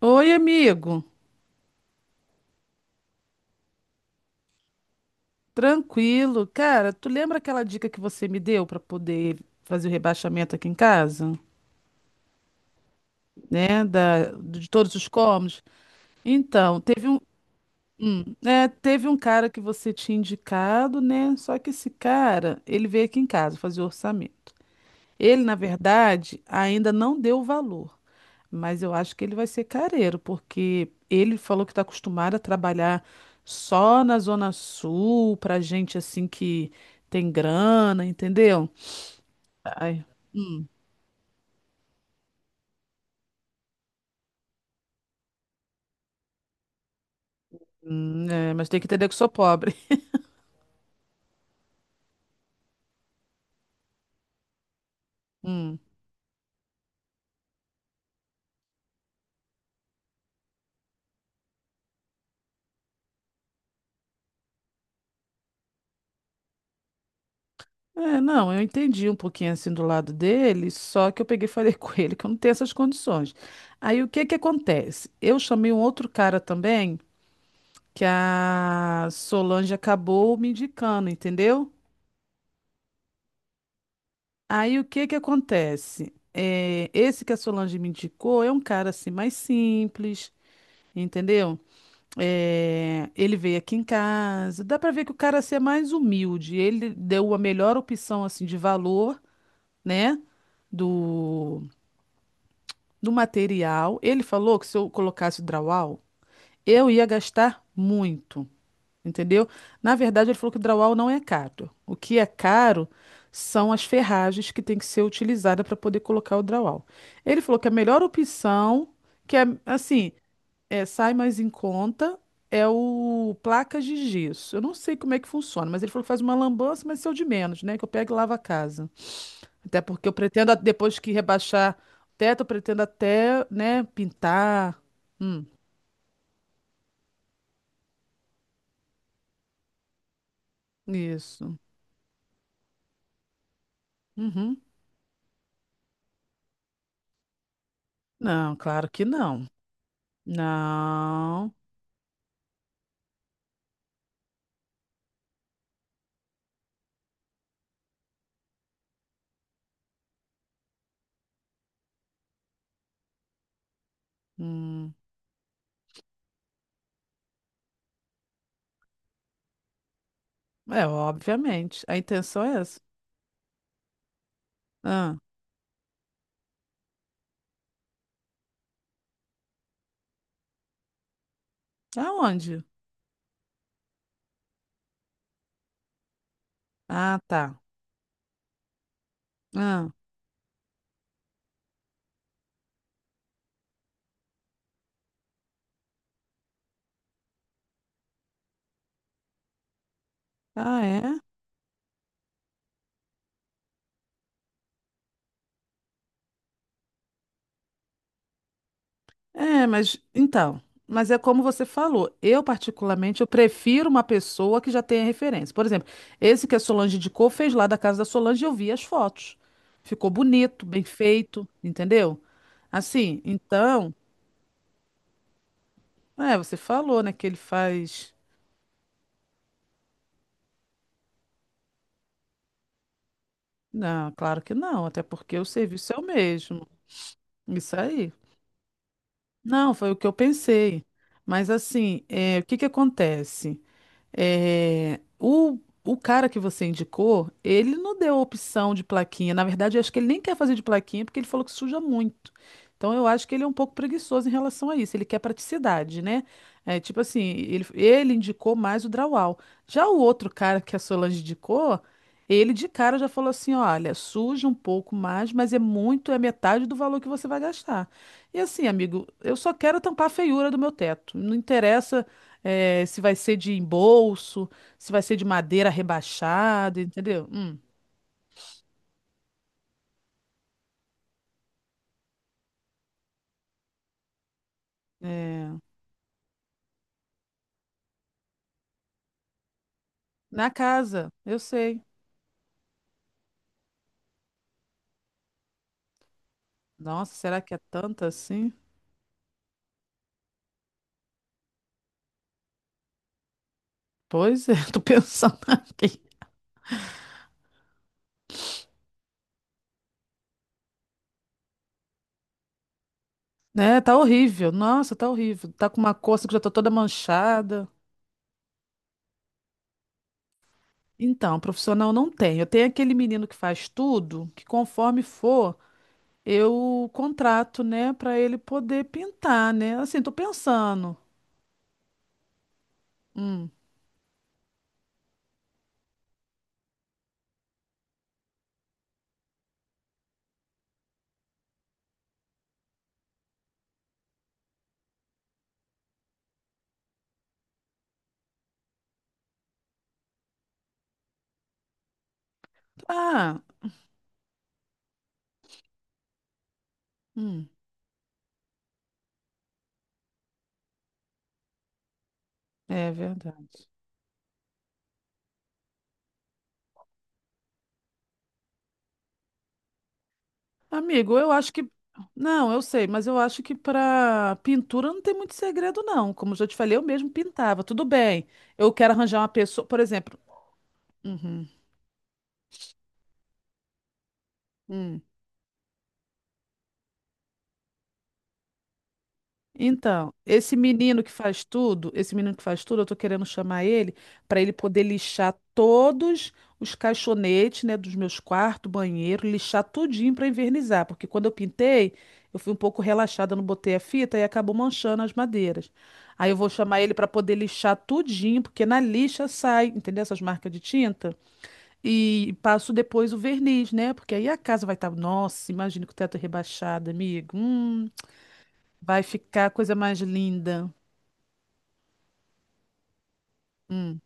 Oi, amigo. Tranquilo. Cara, tu lembra aquela dica que você me deu para poder fazer o rebaixamento aqui em casa, né, da de todos os cômodos? Então, né, teve um cara que você tinha indicado, né? Só que esse cara, ele veio aqui em casa fazer o orçamento. Ele, na verdade, ainda não deu o valor. Mas eu acho que ele vai ser careiro, porque ele falou que está acostumado a trabalhar só na Zona Sul, pra gente assim que tem grana, entendeu? Ai, hum, é, mas tem que entender que eu sou pobre. Hum. É, não, eu entendi um pouquinho assim do lado dele, só que eu peguei e falei com ele que eu não tenho essas condições. Aí o que que acontece? Eu chamei um outro cara também, que a Solange acabou me indicando, entendeu? Aí o que que acontece? É, esse que a Solange me indicou é um cara assim mais simples, entendeu? É, ele veio aqui em casa, dá pra ver que o cara assim, é mais humilde. Ele deu a melhor opção assim de valor, né? Do, do material. Ele falou que se eu colocasse o drywall, eu ia gastar muito, entendeu? Na verdade, ele falou que o drywall não é caro. O que é caro são as ferragens que tem que ser utilizada para poder colocar o drywall. Ele falou que a melhor opção, que é assim, é, sai mais em conta, é o placas de gesso. Eu não sei como é que funciona, mas ele falou que faz uma lambança, mas isso é o de menos, né? Que eu pego e lavo a casa. Até porque eu pretendo, depois que rebaixar o teto, eu pretendo até, né, pintar. Hum, isso. Uhum. Não, claro que não. Não. Hum. É, obviamente. A intenção é essa. Ah, aonde? Ah, tá. Ah, ah, é? É, mas então. Mas é como você falou. Eu, particularmente, eu prefiro uma pessoa que já tenha referência. Por exemplo, esse que a Solange indicou fez lá da casa da Solange e eu vi as fotos. Ficou bonito, bem feito, entendeu? Assim, então. É, você falou, né, que ele faz. Não, claro que não, até porque o serviço é o mesmo. Isso aí. Não, foi o que eu pensei. Mas assim, é, o que que acontece? É, o cara que você indicou, ele não deu opção de plaquinha. Na verdade, eu acho que ele nem quer fazer de plaquinha porque ele falou que suja muito. Então, eu acho que ele é um pouco preguiçoso em relação a isso. Ele quer praticidade, né? É, tipo assim, ele indicou mais o drywall. Já o outro cara que a Solange indicou, ele de cara já falou assim: olha, suja um pouco mais, mas é muito, é metade do valor que você vai gastar. E assim, amigo, eu só quero tampar a feiura do meu teto. Não interessa é, se vai ser de embolso, se vai ser de madeira rebaixada, entendeu? É, na casa, eu sei. Nossa, será que é tanta assim? Pois é, tô pensando aqui. Né, tá horrível. Nossa, tá horrível. Tá com uma coça que já tá toda manchada. Então, profissional não tem. Eu tenho aquele menino que faz tudo, que conforme for, eu contrato, né, pra ele poder pintar, né? Assim, tô pensando. Hum. Ah, hum, é verdade. Amigo, eu acho que. Não, eu sei, mas eu acho que para pintura não tem muito segredo, não. Como eu já te falei, eu mesmo pintava. Tudo bem. Eu quero arranjar uma pessoa, por exemplo. Uhum, hum. Então, esse menino que faz tudo, esse menino que faz tudo, eu tô querendo chamar ele para ele poder lixar todos os caixonetes, né, dos meus quartos, banheiro, lixar tudinho para invernizar, porque quando eu pintei, eu fui um pouco relaxada, não botei a fita e acabou manchando as madeiras. Aí eu vou chamar ele para poder lixar tudinho, porque na lixa sai, entendeu? Essas marcas de tinta e passo depois o verniz, né? Porque aí a casa vai estar, nossa, imagina com o teto rebaixado, amigo. Vai ficar a coisa mais linda. Hum,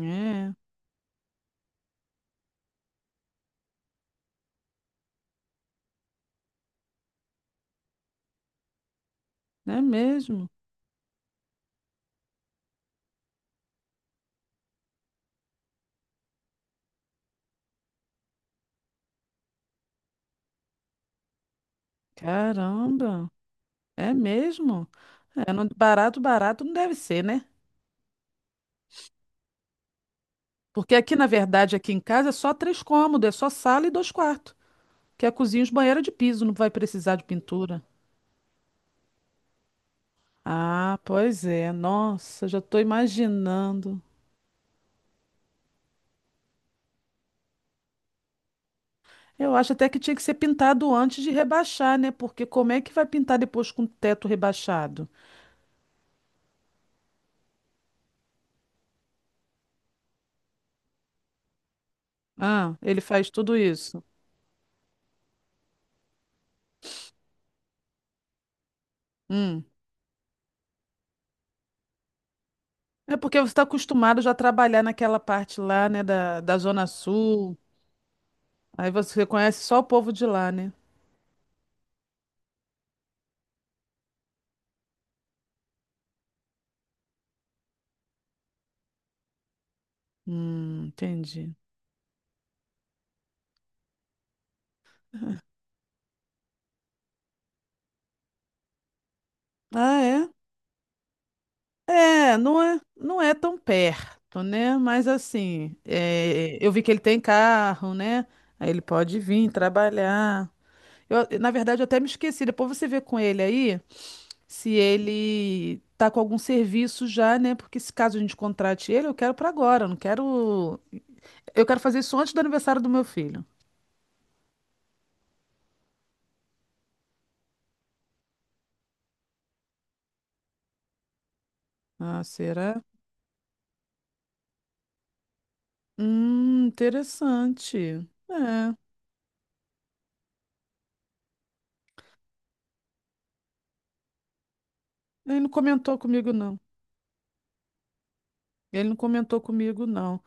é, é mesmo. Caramba, é mesmo. É, não, barato, barato não deve ser, né? Porque aqui, na verdade, aqui em casa é só três cômodos, é só sala e dois quartos. Que é cozinha e os banheiros de piso, não vai precisar de pintura. Ah, pois é. Nossa, já estou imaginando. Eu acho até que tinha que ser pintado antes de rebaixar, né? Porque como é que vai pintar depois com o teto rebaixado? Ah, ele faz tudo isso. Hum. É porque você está acostumado já a trabalhar naquela parte lá, né, da Zona Sul. Aí você conhece só o povo de lá, né? Entendi. Ah, é? É, não é, não é tão perto, né? Mas assim, é, eu vi que ele tem carro, né? Aí ele pode vir trabalhar. Eu, na verdade, eu até me esqueci. Depois você vê com ele aí se ele tá com algum serviço já, né? Porque se caso a gente contrate ele, eu quero para agora, eu não quero. Eu quero fazer isso antes do aniversário do meu filho. Ah, será? Interessante. É, ele não comentou comigo, não. Ele não comentou comigo, não.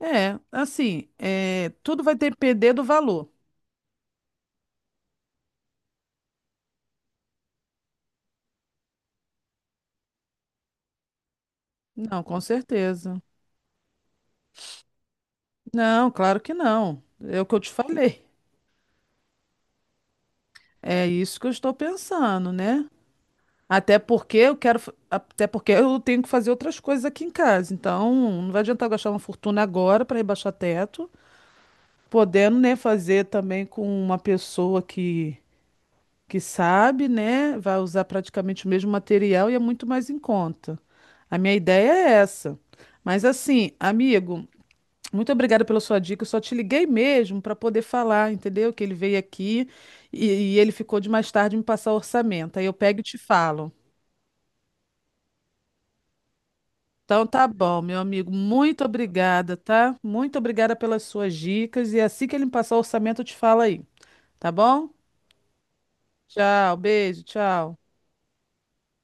É, assim, é, tudo vai depender do valor. Não, com certeza. Não, claro que não. É o que eu te falei. É isso que eu estou pensando, né? Até porque eu quero, até porque eu tenho que fazer outras coisas aqui em casa. Então, não vai adiantar eu gastar uma fortuna agora para rebaixar teto, podendo, né, fazer também com uma pessoa que sabe, né? Vai usar praticamente o mesmo material e é muito mais em conta. A minha ideia é essa. Mas assim, amigo, muito obrigada pela sua dica. Eu só te liguei mesmo para poder falar, entendeu? Que ele veio aqui e ele ficou de mais tarde me passar o orçamento. Aí eu pego e te falo. Então tá bom, meu amigo, muito obrigada, tá? Muito obrigada pelas suas dicas e assim que ele me passar o orçamento eu te falo aí, tá bom? Tchau, beijo, tchau.